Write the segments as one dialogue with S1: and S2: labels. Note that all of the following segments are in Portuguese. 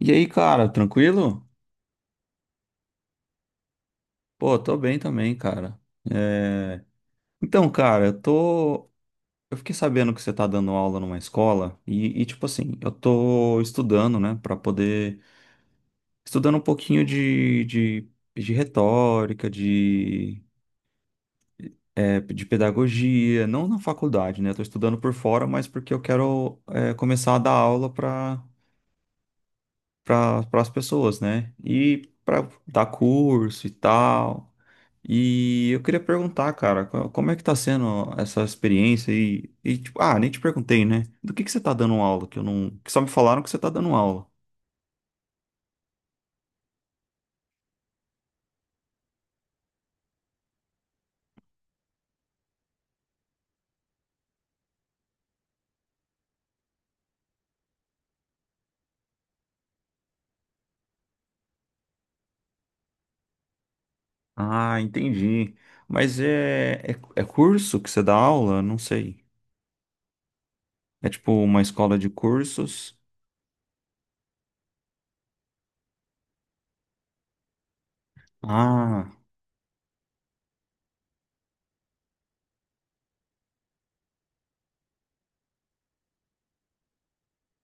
S1: E aí, cara, tranquilo? Pô, tô bem também, cara. É, Então, cara, eu tô. Eu fiquei sabendo que você tá dando aula numa escola e, tipo assim, eu tô estudando, né, pra poder. Estudando um pouquinho de, de retórica, de, de pedagogia, não na faculdade, né? Eu tô estudando por fora, mas porque eu quero, é, começar a dar aula pra para as pessoas, né? E pra dar curso e tal. E eu queria perguntar, cara, como é que tá sendo essa experiência aí? E, tipo, ah, nem te perguntei, né? Do que você tá dando aula? Que eu não, que só me falaram que você tá dando aula. Ah, entendi. Mas é curso que você dá aula? Não sei. É tipo uma escola de cursos? Ah,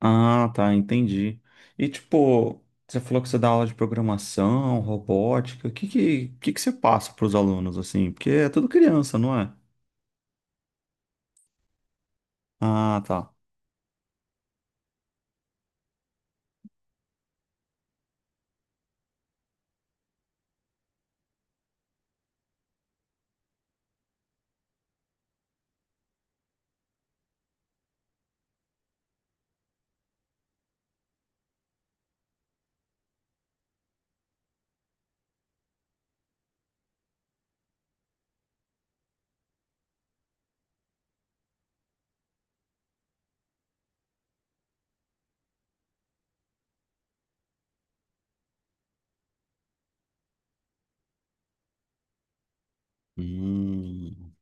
S1: ah, tá, entendi. E tipo, você falou que você dá aula de programação, robótica. Que você passa para os alunos assim? Porque é tudo criança, não é? Ah, tá. Hum.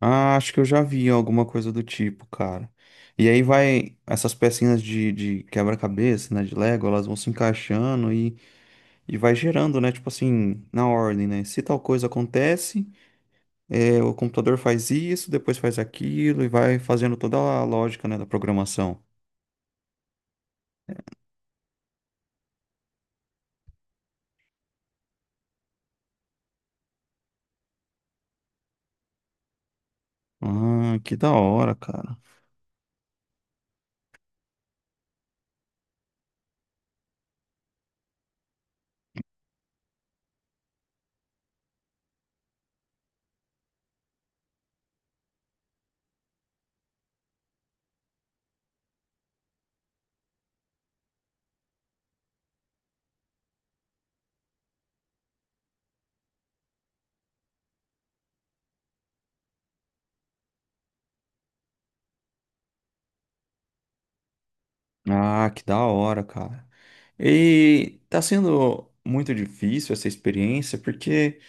S1: Ah, acho que eu já vi alguma coisa do tipo, cara. E aí vai essas pecinhas de quebra-cabeça, né, de Lego, elas vão se encaixando e vai gerando, né, tipo assim, na ordem, né? Se tal coisa acontece, é, o computador faz isso, depois faz aquilo e vai fazendo toda a lógica, né, da programação. Ah, que da hora, cara. Ah, que da hora, cara. E tá sendo muito difícil essa experiência, porque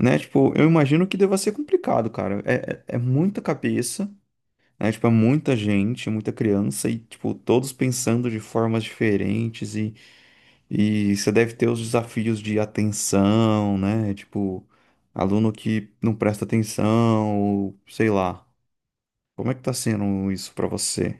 S1: né? Tipo, eu imagino que deva ser complicado, cara. É muita cabeça, né? Tipo, é muita gente, muita criança e, tipo, todos pensando de formas diferentes e você deve ter os desafios de atenção, né? Tipo, aluno que não presta atenção, ou sei lá. Como é que tá sendo isso pra você?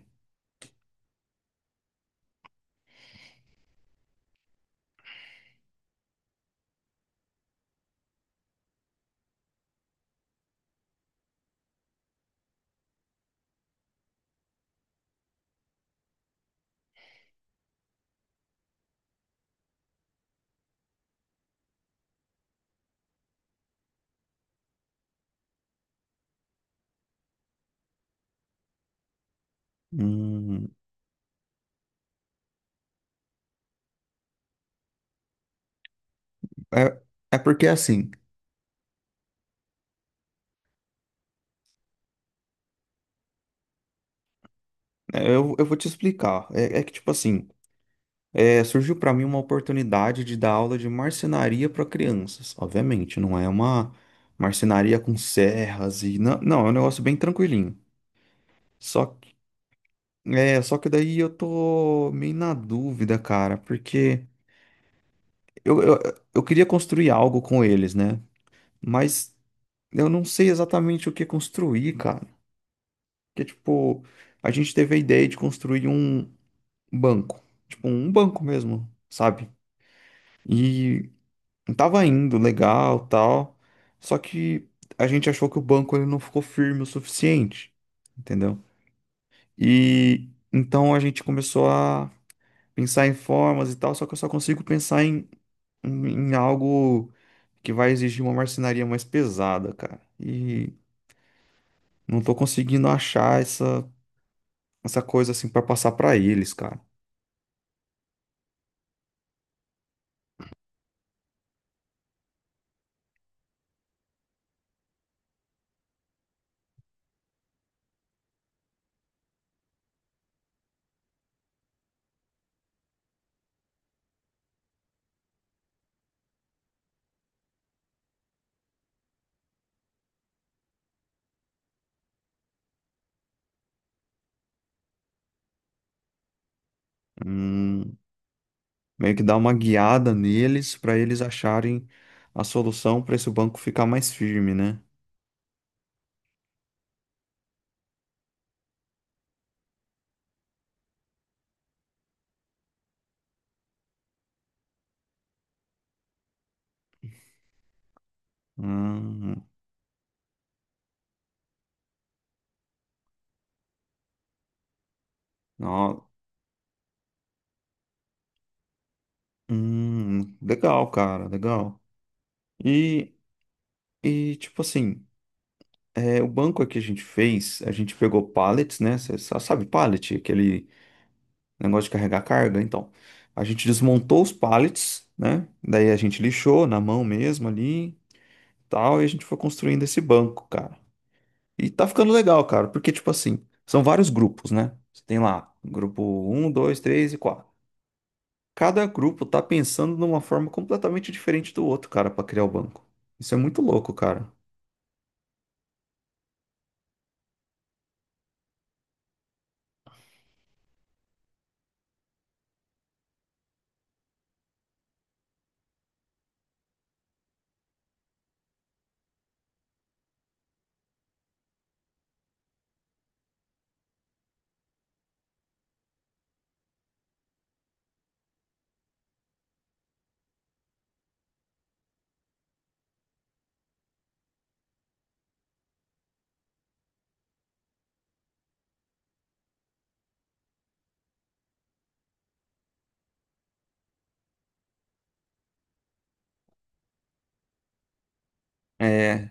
S1: Hum, é, é porque assim, é, eu vou te explicar. É que, tipo assim, é, surgiu para mim uma oportunidade de dar aula de marcenaria para crianças. Obviamente, não é uma marcenaria com serras e não, não, é um negócio bem tranquilinho. Só que, é, só que daí eu tô meio na dúvida, cara, porque eu, eu, eu queria construir algo com eles, né? Mas eu não sei exatamente o que construir, cara. Porque, tipo, a gente teve a ideia de construir um banco, tipo, um banco mesmo, sabe? E tava indo legal, tal. Só que a gente achou que o banco ele não ficou firme o suficiente, entendeu? E então a gente começou a pensar em formas e tal, só que eu só consigo pensar em algo que vai exigir uma marcenaria mais pesada, cara. E não tô conseguindo achar essa coisa assim pra passar pra eles, cara. Hum, meio que dar uma guiada neles pra eles acharem a solução pra esse banco ficar mais firme, né? Hum, ó, legal, cara, legal. E, e tipo assim, é, o banco aqui a gente fez, a gente pegou pallets, né? Você sabe pallet, aquele negócio de carregar carga, então. A gente desmontou os pallets, né? Daí a gente lixou na mão mesmo ali, e tal, e a gente foi construindo esse banco, cara. E tá ficando legal, cara, porque tipo assim, são vários grupos, né? Você tem lá, grupo 1, 2, 3 e 4. Cada grupo tá pensando numa forma completamente diferente do outro, cara, pra criar o banco. Isso é muito louco, cara. É,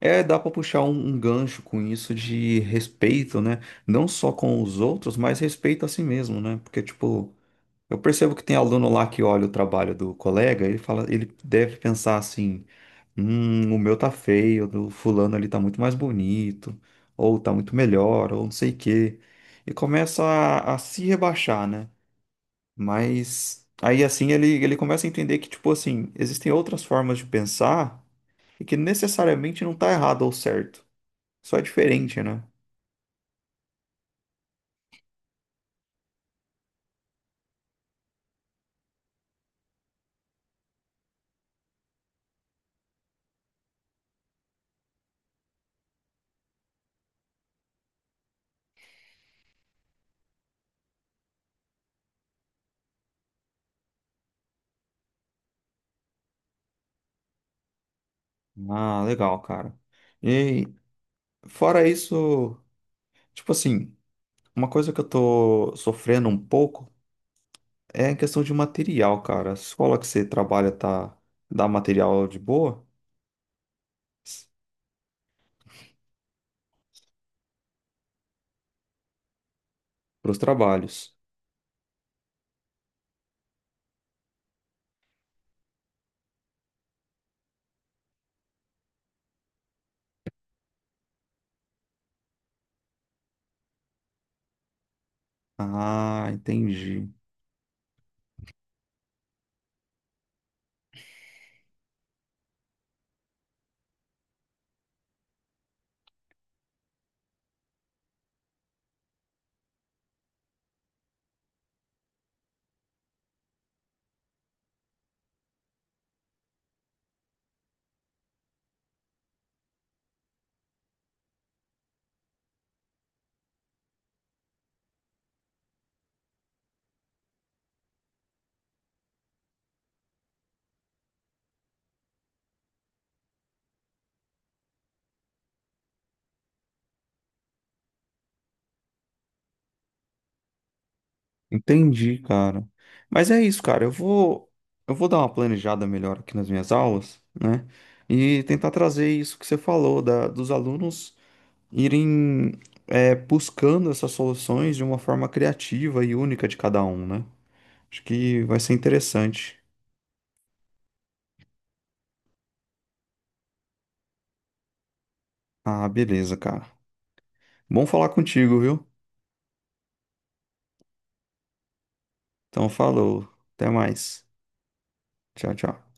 S1: é dá pra puxar um gancho com isso de respeito, né? Não só com os outros, mas respeito a si mesmo, né? Porque, tipo, eu percebo que tem aluno lá que olha o trabalho do colega, ele fala, ele deve pensar assim, o meu tá feio, o do fulano ali tá muito mais bonito, ou tá muito melhor, ou não sei o quê. E começa a se rebaixar, né? Mas aí assim ele começa a entender que, tipo assim, existem outras formas de pensar e que necessariamente não tá errado ou certo. Só é diferente, né? Ah, legal, cara. E fora isso, tipo assim, uma coisa que eu tô sofrendo um pouco é a questão de material, cara. A escola que você trabalha tá, dá material de boa pros trabalhos. Ah, entendi. Entendi, cara. Mas é isso, cara. Eu vou dar uma planejada melhor aqui nas minhas aulas, né? E tentar trazer isso que você falou, da, dos alunos irem, é, buscando essas soluções de uma forma criativa e única de cada um, né? Acho que vai ser interessante. Ah, beleza, cara. Bom falar contigo, viu? Então, falou. Até mais. Tchau, tchau.